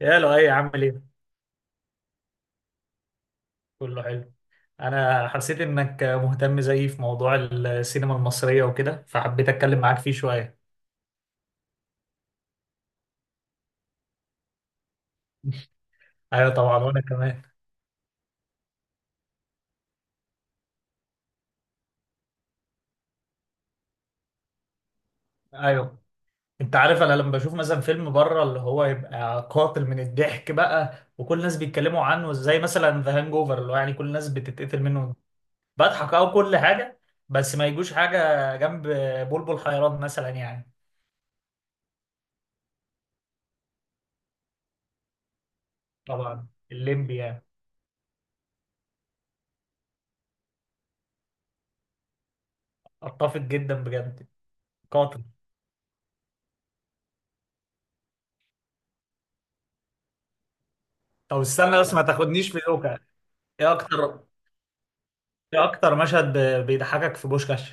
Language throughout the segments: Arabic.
يا لؤي، عامل ايه؟ كله حلو. انا حسيت انك مهتم زيي في موضوع السينما المصرية وكده، فحبيت اتكلم معاك فيه شوية. ايوه طبعا، وانا كمان. ايوه، انت عارف انا لما بشوف مثلا فيلم بره اللي هو يبقى قاتل من الضحك بقى، وكل الناس بيتكلموا عنه زي مثلا ذا هانج اوفر، اللي هو يعني كل الناس بتتقتل منه بضحك او كل حاجة. بس ما يجوش حاجة جنب بلبل حيران مثلا يعني. طبعا الليمبي يعني. اتفق جدا بجد. قاتل. طب استنى بس، ما تاخدنيش في دوكا. ايه اكتر ايه اكتر مشهد بيضحكك في بوشكاش؟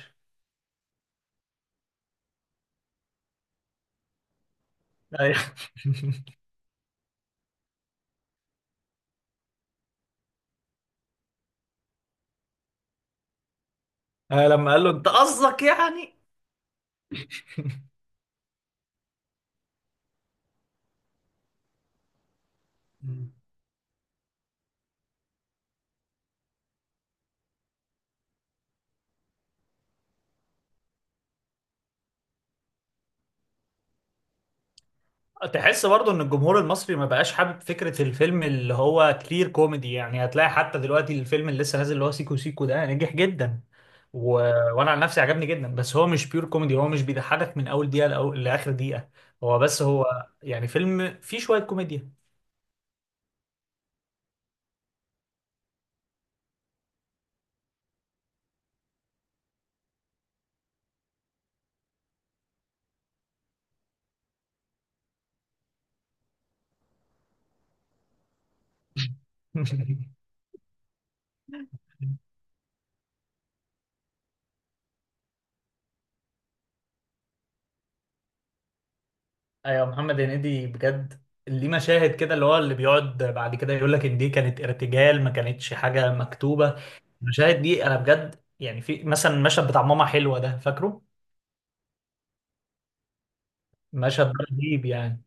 أيوة. لما قال له انت قصدك يعني. مم. تحس برضو ان الجمهور المصري ما بقاش حابب فكرة الفيلم اللي هو كلير كوميدي؟ يعني هتلاقي حتى دلوقتي الفيلم اللي لسه نازل اللي هو سيكو سيكو ده نجح جدا. و... وانا عن نفسي عجبني جدا، بس هو مش بيور كوميدي. هو مش بيضحكك من اول دقيقة لاخر دقيقة. هو بس هو يعني فيلم فيه شوية كوميديا. ايوه، محمد هنيدي بجد. ليه مشاهد كده، اللي هو اللي بيقعد بعد كده يقول لك ان دي كانت ارتجال، ما كانتش حاجه مكتوبه. المشاهد دي انا بجد يعني، في مثلا المشهد بتاع ماما حلوه ده، فاكره؟ المشهد ده رهيب يعني.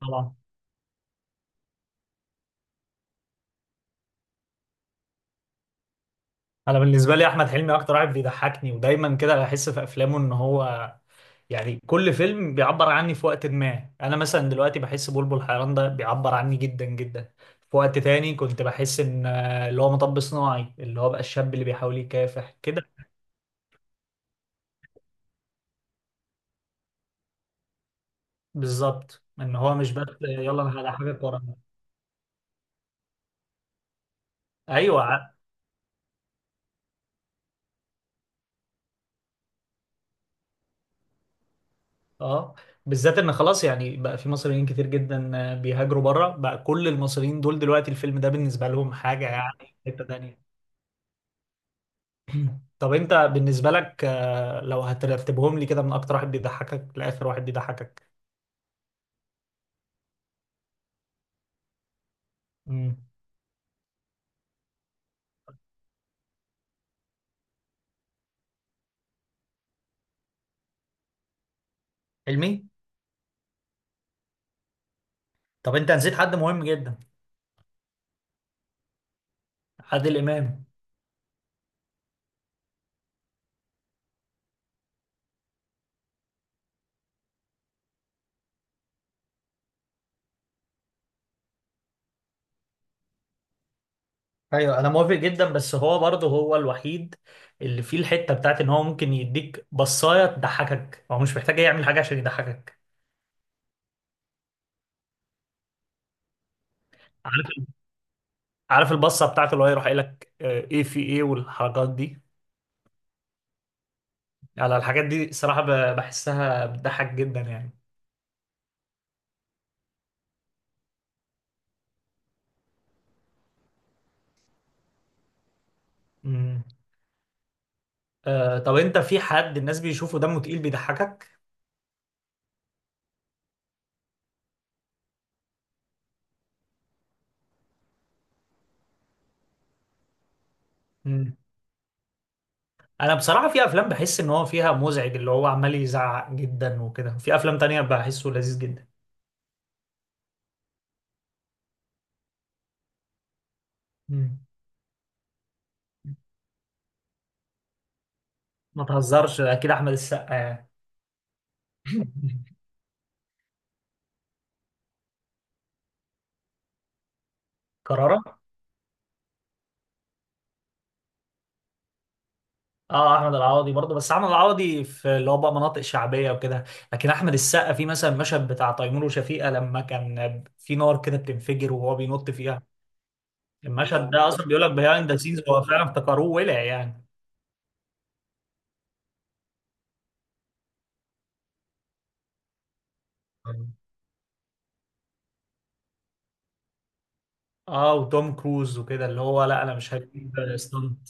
طبعا. انا بالنسبه لي احمد حلمي اكتر واحد بيضحكني، ودايما كده بحس في افلامه ان هو يعني كل فيلم بيعبر عني في وقت ما. انا مثلا دلوقتي بحس بلبل حيران ده بيعبر عني جدا جدا. في وقت تاني كنت بحس ان اللي هو مطب صناعي، اللي هو بقى الشاب اللي بيحاول يكافح كده. بالظبط، ان هو مش بس يلا انا هحقق ورا. ايوه. اه، بالذات ان خلاص يعني بقى في مصريين كتير جدا بيهاجروا بره بقى، كل المصريين دول دلوقتي الفيلم ده بالنسبه لهم حاجه يعني في حته تانيه. طب انت بالنسبه لك، لو هترتبهم لي كده من اكتر واحد بيضحكك لاخر واحد بيضحكك؟ امم. علمي. طب انت نسيت حد مهم جدا. عادل امام. ايوه انا موافق جدا، بس هو برضه هو الوحيد اللي فيه الحته بتاعت ان هو ممكن يديك بصايه تضحكك، هو مش محتاج يعمل حاجه عشان يضحكك. عارف عارف البصه بتاعته اللي هو يروح قايل لك، ايه في ايه والحركات دي. على الحاجات دي صراحه بحسها بتضحك جدا يعني. امم. طب انت في حد الناس بيشوفوا دمه تقيل بيضحكك؟ امم. انا بصراحه في افلام بحس ان هو فيها مزعج، اللي هو عمال يزعق جدا وكده، في افلام تانية بحسه لذيذ جدا. امم. ما تهزرش، اكيد احمد السقا يعني. كرارة. اه، احمد العوضي برضه، بس احمد العوضي في اللي هو بقى مناطق شعبيه وكده. لكن احمد السقا، في مثلا المشهد بتاع تيمور وشفيقه لما كان في نار كده بتنفجر وهو بينط فيها. المشهد ده اصلا بيقول لك بيهايند ذا سينز، هو فعلا افتكروه ولع يعني. اه، وتوم كروز وكده، اللي هو لا انا مش هجيب ستانت.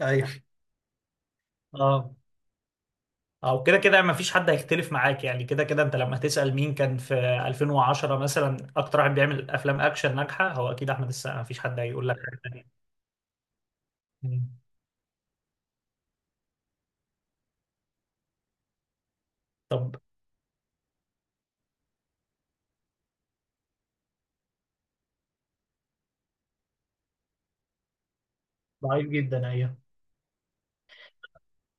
ايوه. اه، او كده كده ما فيش حد هيختلف معاك يعني. كده كده انت لما تسأل مين كان في 2010 مثلا اكتر واحد بيعمل افلام اكشن ناجحه، هو اكيد احمد السقا، ما فيش حد هيقول لك حاجه. مم. طب. ضعيف جدا، ايوه.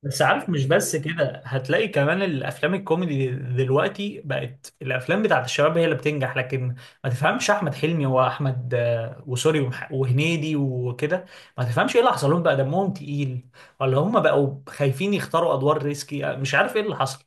بس عارف، مش بس كده، هتلاقي كمان الافلام الكوميدي دلوقتي بقت الافلام بتاعت الشباب هي اللي بتنجح. لكن ما تفهمش احمد حلمي واحمد وسوري وهنيدي وكده، ما تفهمش ايه اللي حصل لهم بقى. دمهم تقيل ولا هم بقوا خايفين يختاروا ادوار ريسكي؟ مش عارف ايه اللي حصل.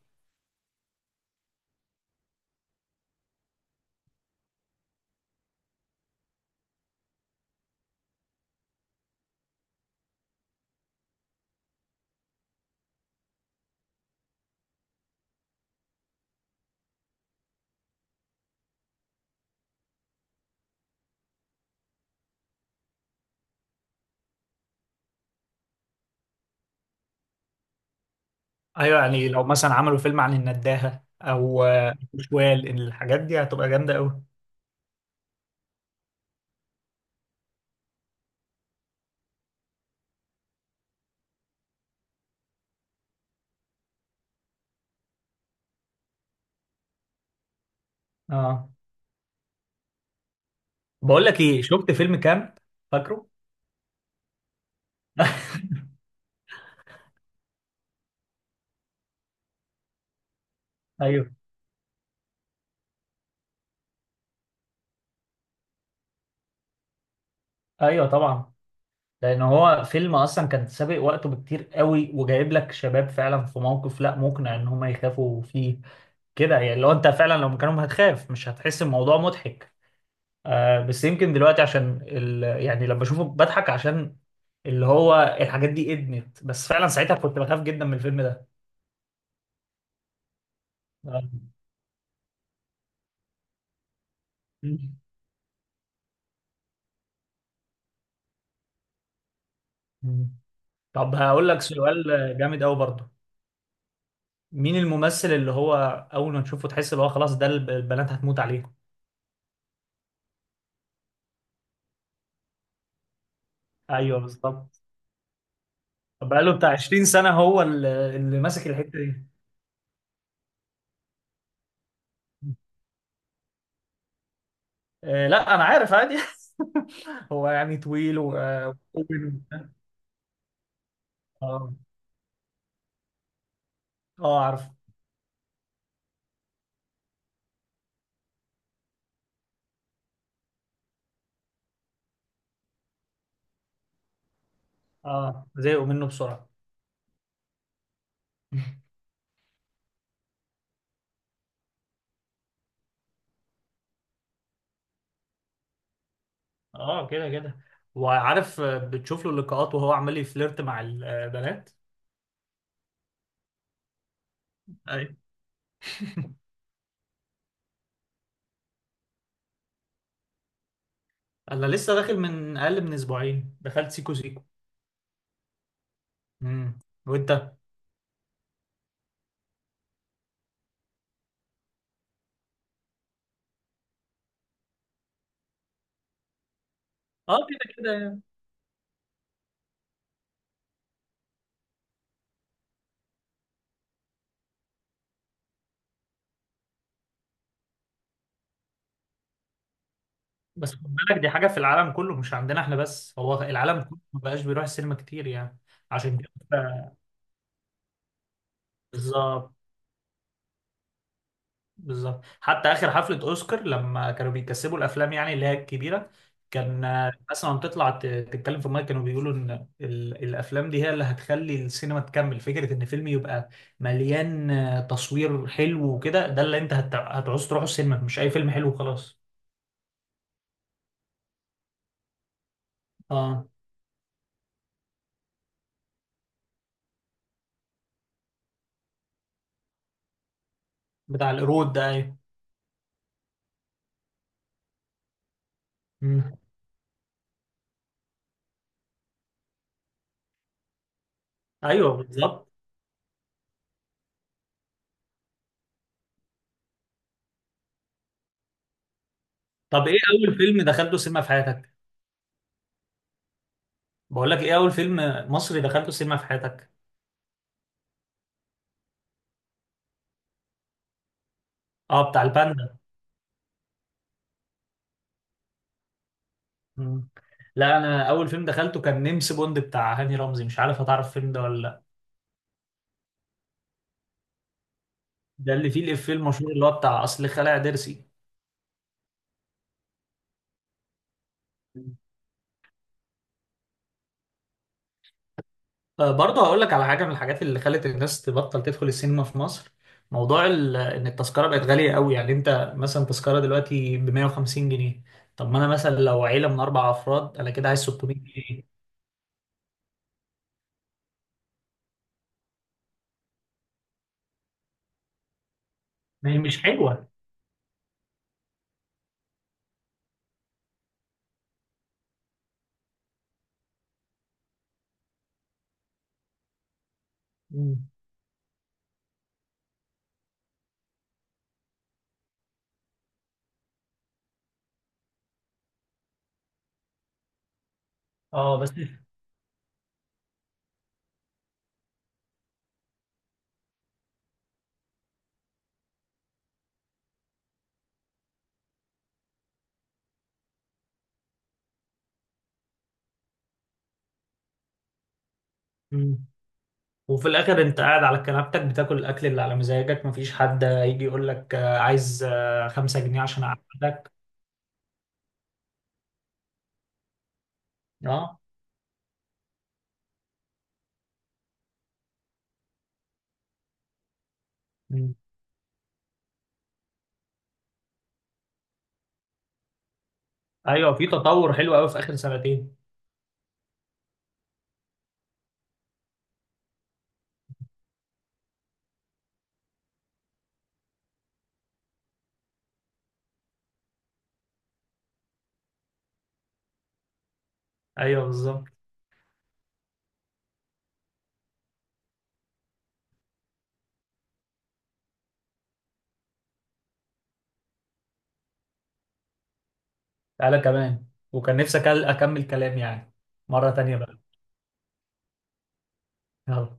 ايوه يعني، لو مثلا عملوا فيلم عن النداهة او شوال، الحاجات دي هتبقى جامدة قوي. اه، بقول لك ايه، شفت فيلم كامب؟ فاكره؟ ايوه، ايوه، طبعا. لان هو فيلم اصلا كان سابق وقته بكتير قوي، وجايب لك شباب فعلا في موقف لا مقنع ان هم يخافوا فيه كده يعني. لو انت فعلا لو مكانهم هتخاف، مش هتحس الموضوع مضحك. آه، بس يمكن دلوقتي عشان يعني لما بشوفه بضحك عشان اللي هو الحاجات دي ادمت. بس فعلا ساعتها كنت بخاف جدا من الفيلم ده. آه. مم. طب هقول لك سؤال جامد قوي برضه. مين الممثل اللي هو اول ما تشوفه تحس اللي هو خلاص ده البنات هتموت عليه؟ ايوه بالظبط. بقاله بتاع 20 سنة، هو اللي ماسك الحتة دي. لا أنا عارف عادي. هو يعني طويل و آه وطويل وبتاع. اه، اه، عارف. اه، زهقوا منه بسرعة. اه، كده كده. وعارف، بتشوف له اللقاءات وهو عمال يفليرت مع البنات. ايوه. انا لسه داخل، من اقل من اسبوعين دخلت سيكو سيكو. امم. وانت؟ اه، كده كده يعني. بس خد بالك، دي حاجه في العالم كله مش عندنا احنا بس، هو العالم كله ما بقاش بيروح السينما كتير يعني. عشان كده. بالظبط. بالظبط، حتى اخر حفله اوسكار لما كانوا بيكسبوا الافلام يعني اللي هي الكبيره، كان الناس لما بتطلع تتكلم في المايك كانوا بيقولوا ان الافلام دي هي اللي هتخلي السينما تكمل. فكره ان فيلم يبقى مليان تصوير حلو وكده، ده اللي انت هتعوز تروحوا السينما، مش اي فيلم حلو وخلاص. اه، بتاع القرود ده، ايوه. مم. ايوه بالظبط. طب ايه اول فيلم دخلته سينما في حياتك؟ بقول لك ايه، اول فيلم مصري دخلته سينما في حياتك؟ اه، بتاع الباندا. مم. لا، انا اول فيلم دخلته كان نمس بوند بتاع هاني رمزي، مش عارف هتعرف الفيلم ده ولا لا. ده اللي فيه الافيه المشهور اللي هو بتاع اصل خلع ضرسي. مم. برضه هقول لك على حاجه من الحاجات اللي خلت الناس تبطل تدخل السينما في مصر: موضوع ان التذكره بقت غاليه قوي. يعني انت مثلا تذكره دلوقتي ب 150 جنيه، طب ما انا مثلا لو عيله من اربع افراد انا كده عايز 600 جنيه. ما هي مش حلوه. مم. اه بس. مم. وفي الاخر انت قاعد على كنبتك بتاكل الاكل اللي على مزاجك، مفيش حد يجي يقول لك عايز 5 جنيه عشان اقعدك. اه. مم. ايوه في تطور حلو قوي في اخر سنتين. ايوه بالظبط. تعالى كمان، وكان نفسي اكمل كلام يعني، مرة تانية بقى. يلا.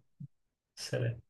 سلام.